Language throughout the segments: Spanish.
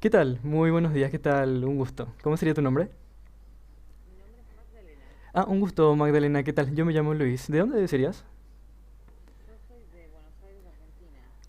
¿Qué tal? Muy buenos días, ¿qué tal? Un gusto. ¿Cómo sería tu nombre? Ah, un gusto, Magdalena, ¿qué tal? Yo me llamo Luis. ¿De dónde serías?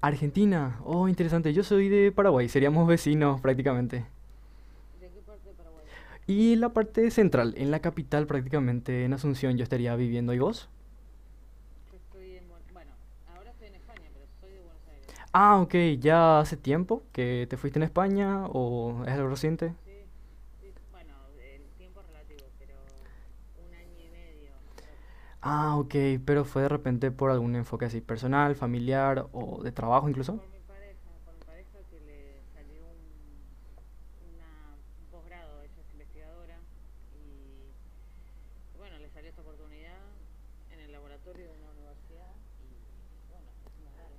Argentina. Oh, interesante. Yo soy de Paraguay, seríamos vecinos prácticamente. Y la parte central, en la capital prácticamente, en Asunción, yo estaría viviendo. ¿Y vos? Ah, ok, ¿ya hace tiempo que te fuiste en España o es algo reciente? Ah, ok, pero fue de repente por algún enfoque así, personal, familiar o de trabajo incluso.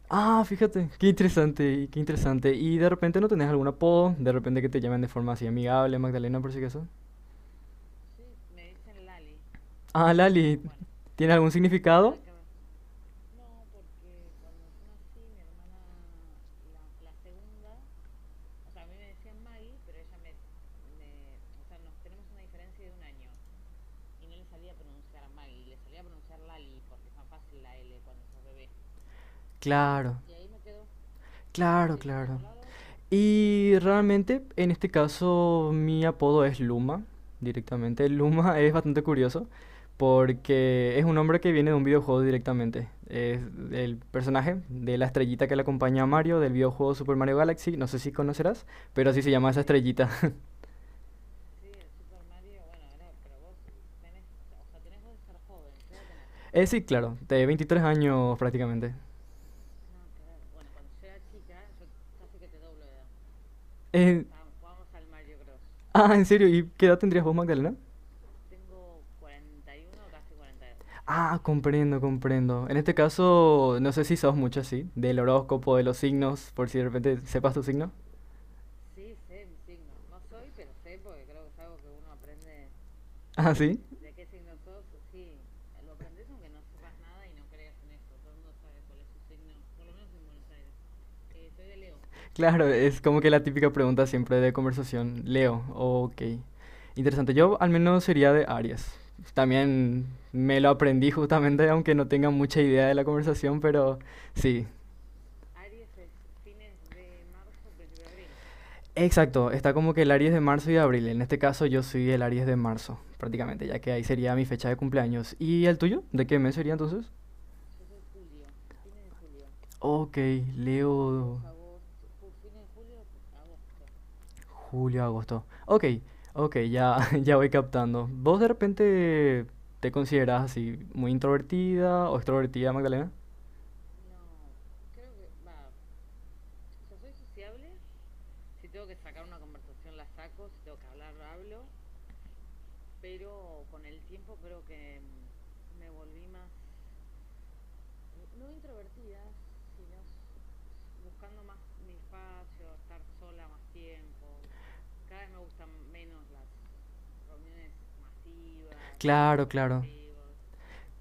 Ah, fíjate, qué interesante, qué interesante. ¿Y de repente no tenés algún apodo? ¿De repente que te llamen de forma así amigable, Magdalena, por si acaso? Ah, Lali, ¿tiene algún significado? Claro. Claro, claro. Y realmente, en este caso, mi apodo es Luma, directamente. Luma es bastante curioso porque es un nombre que viene de un videojuego directamente. Es el personaje de la estrellita que le acompaña a Mario del videojuego Super Mario Galaxy. No sé si conocerás, pero así se llama esa estrellita. Sí, claro, de 23 años prácticamente. Eh, ah, ¿en serio? ¿Y qué edad tendrías vos, Magdalena? Ah, comprendo, comprendo. En este caso, no sé si sos mucho así, del horóscopo, de los signos, por si de repente sepas tu signo. Ah, sí. Claro, es como que la típica pregunta siempre de conversación. Leo, ok. Interesante. Yo al menos sería de Aries. También me lo aprendí justamente, aunque no tenga mucha idea de la conversación, pero sí. Exacto, está como que el Aries de marzo y de abril. En este caso yo soy el Aries de marzo, prácticamente, ya que ahí sería mi fecha de cumpleaños. ¿Y el tuyo? ¿De qué mes sería entonces? Ok, Leo, julio, agosto. Ok, ok, ya, ya voy captando. ¿Vos de repente te consideras así muy introvertida o extrovertida, Magdalena? Claro, claro.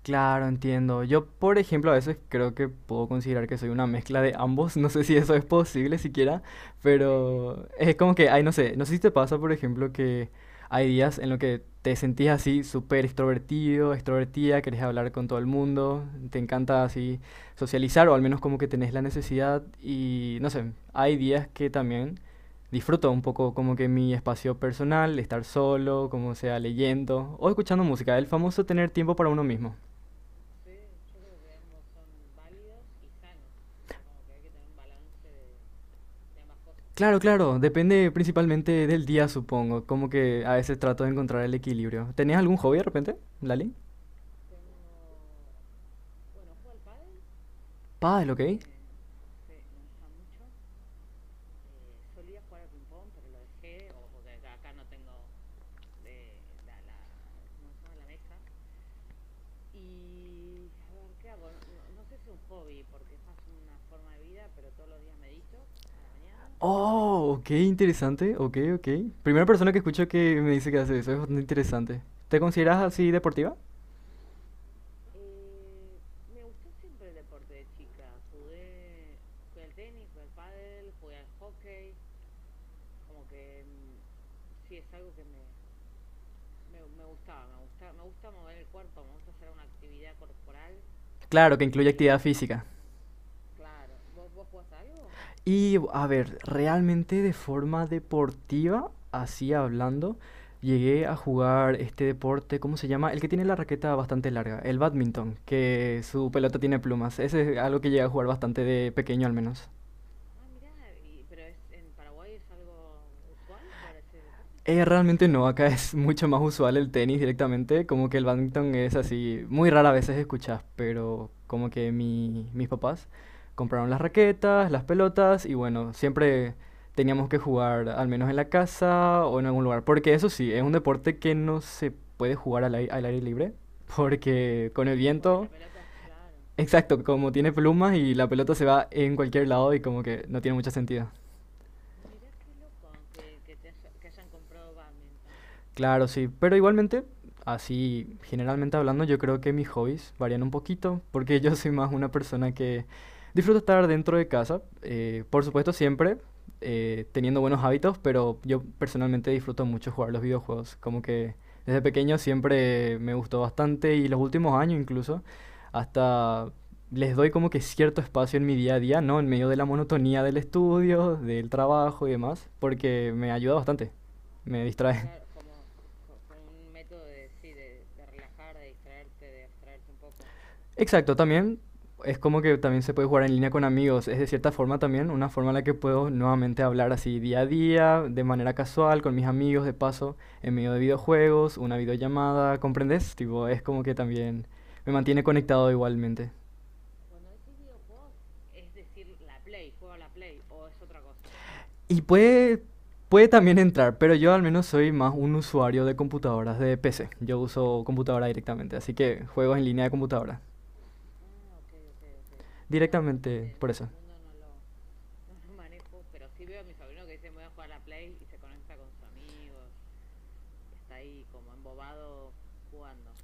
Claro, entiendo. Yo, por ejemplo, a veces creo que puedo considerar que soy una mezcla de ambos. No sé si eso es posible siquiera, pero es como que, ay, no sé, no sé si te pasa, por ejemplo, que hay días en los que te sentís así súper extrovertido, extrovertida, querés hablar con todo el mundo, te encanta así socializar o al menos como que tenés la necesidad y, no sé, hay días que también disfruto un poco como que mi espacio personal, estar solo, como sea leyendo o escuchando música, el famoso tener tiempo para uno mismo. Claro, claro, depende principalmente del día, supongo. Como que a veces trato de encontrar el equilibrio. ¿Tenías algún hobby de repente, Lali? Pádel, ok. Oh, ok, interesante, ok, ok. Primera persona que escucho que me dice que hace eso, es bastante interesante. ¿Te consideras así deportiva? Claro, que incluye actividad física. Y a ver, realmente de forma deportiva, así hablando, llegué a jugar este deporte, ¿cómo se llama? El que tiene la raqueta bastante larga, el badminton, que su pelota tiene plumas. Ese es algo que llegué a jugar bastante de pequeño al menos. Realmente no, acá es mucho más usual el tenis directamente, como que el badminton es así, muy rara a veces escuchas, pero como que mis papás compraron las raquetas, las pelotas y bueno, siempre teníamos que jugar al menos en la casa o en algún lugar, porque eso sí, es un deporte que no se puede jugar al aire libre, porque con el Porque viento, exacto, como tiene plumas y la pelota se va en cualquier lado y como que no tiene mucho sentido. Claro, sí, pero igualmente, así generalmente hablando, yo creo que mis hobbies varían un poquito, porque yo soy más una persona que disfruto estar dentro de casa, por supuesto siempre teniendo buenos hábitos, pero yo personalmente disfruto mucho jugar los videojuegos, como que desde pequeño siempre me gustó bastante y los últimos años incluso, hasta les doy como que cierto espacio en mi día a día, ¿no? En medio de la monotonía del estudio, del trabajo y demás, porque me ayuda bastante, me distrae. Exacto, también es como que también se puede jugar en línea con amigos. Es de cierta forma también una forma en la que puedo nuevamente hablar así día a día, de manera casual, con mis amigos, de paso, en medio de videojuegos, una videollamada, ¿comprendes? Tipo, es como que también me mantiene conectado igualmente. Y puede también entrar, pero yo al menos soy más un usuario de computadoras, de PC. Yo uso computadora directamente, así que juegos en línea de computadora. Directamente, por eso.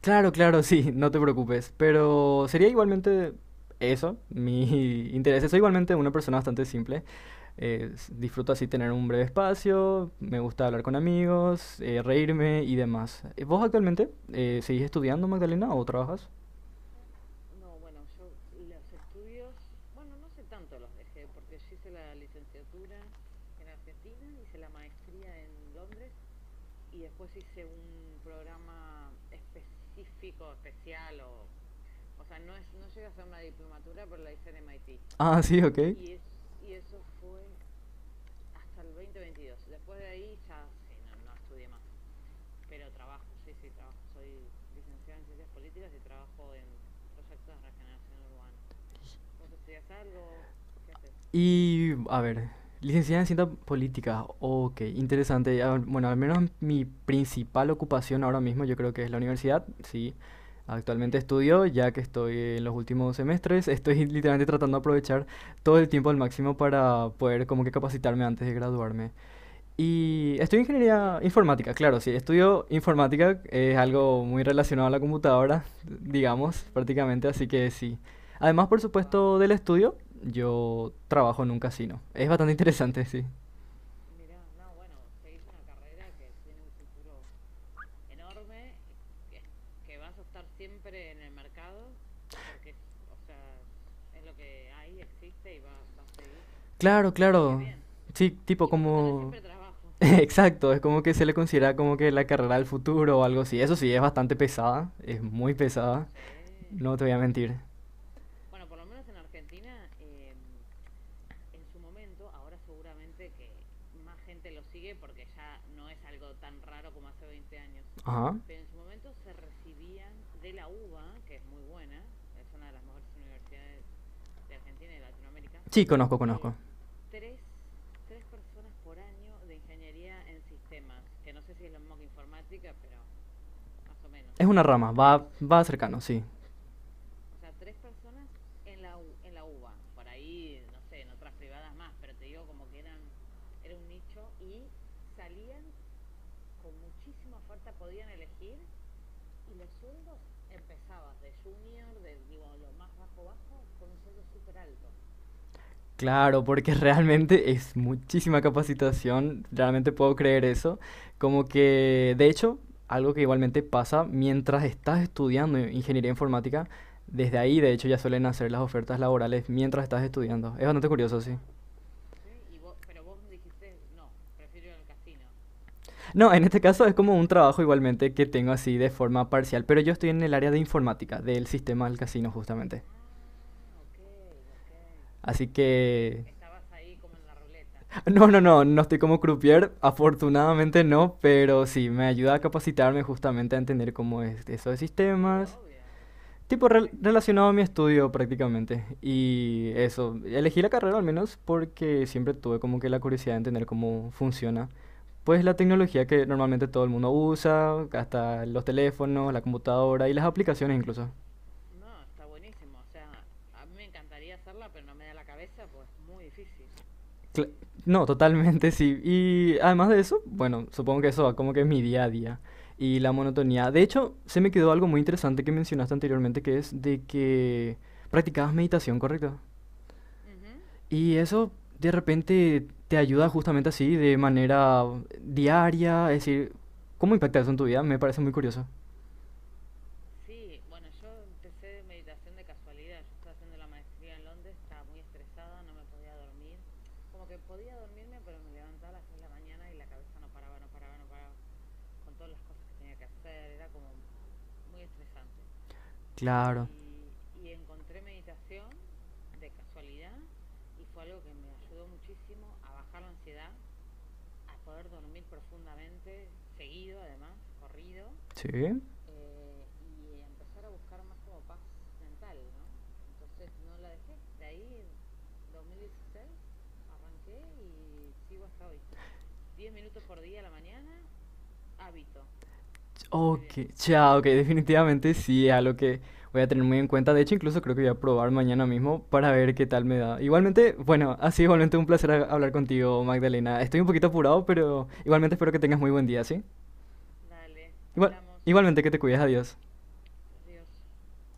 Claro, claro, sí, no te preocupes. Pero sería igualmente eso, mi interés. Soy igualmente una persona bastante simple. Disfruto así tener un breve espacio, me gusta hablar con amigos, reírme y demás. ¿Vos actualmente seguís estudiando, Magdalena, o trabajas? Ah, sí, ok. Y, a ver, licenciada en Ciencias Políticas, ok, interesante. Ah, bueno, al menos mi principal ocupación ahora mismo yo creo que es la universidad, sí. Actualmente estudio, ya que estoy en los últimos semestres, estoy literalmente tratando de aprovechar todo el tiempo al máximo para poder como que capacitarme antes de graduarme. Y estudio ingeniería informática, claro, sí. Estudio informática, es algo muy relacionado a la computadora, digamos, prácticamente, así que sí. Además, por supuesto, del estudio, yo trabajo en un casino. Es bastante interesante, sí. Claro, claro. Sí, tipo como... Exacto, es como que se le considera como que la carrera del futuro o algo así. Eso sí, es bastante pesada, es muy pesada, no te voy a mentir. Ajá. Sí, conozco, conozco. Es una rama, va, va cercano, sí. Claro, porque realmente es muchísima capacitación, realmente puedo creer eso. Como que, de hecho, algo que igualmente pasa mientras estás estudiando ingeniería informática, desde ahí de hecho ya suelen hacer las ofertas laborales mientras estás estudiando. Es bastante curioso, sí. No, en este caso es como un trabajo igualmente que tengo así de forma parcial, pero yo estoy en el área de informática, del sistema del casino justamente. Así que... No, no, no, no estoy como croupier, afortunadamente no, pero sí, me ayuda a capacitarme justamente a entender cómo es eso de sistemas, tipo relacionado a mi estudio prácticamente. Y eso, elegí la carrera al menos porque siempre tuve como que la curiosidad de entender cómo funciona. Pues la tecnología que normalmente todo el mundo usa, hasta los teléfonos, la computadora y las aplicaciones incluso. Cla- No, totalmente sí. Y además de eso, bueno, supongo que eso va como que es mi día a día y la monotonía. De hecho, se me quedó algo muy interesante que mencionaste anteriormente, que es de que practicabas meditación, ¿correcto? Y eso de repente te ayuda justamente así, de manera diaria, es decir, ¿cómo impacta eso en tu vida? Me parece muy curioso. Claro. Sí. Ok, ya, ok, definitivamente sí, es algo que voy a tener muy en cuenta. De hecho, incluso creo que voy a probar mañana mismo para ver qué tal me da. Igualmente, bueno, ha sido igualmente un placer hablar contigo, Magdalena. Estoy un poquito apurado, pero igualmente espero que tengas muy buen día, ¿sí? Igual, igualmente que te cuides, adiós.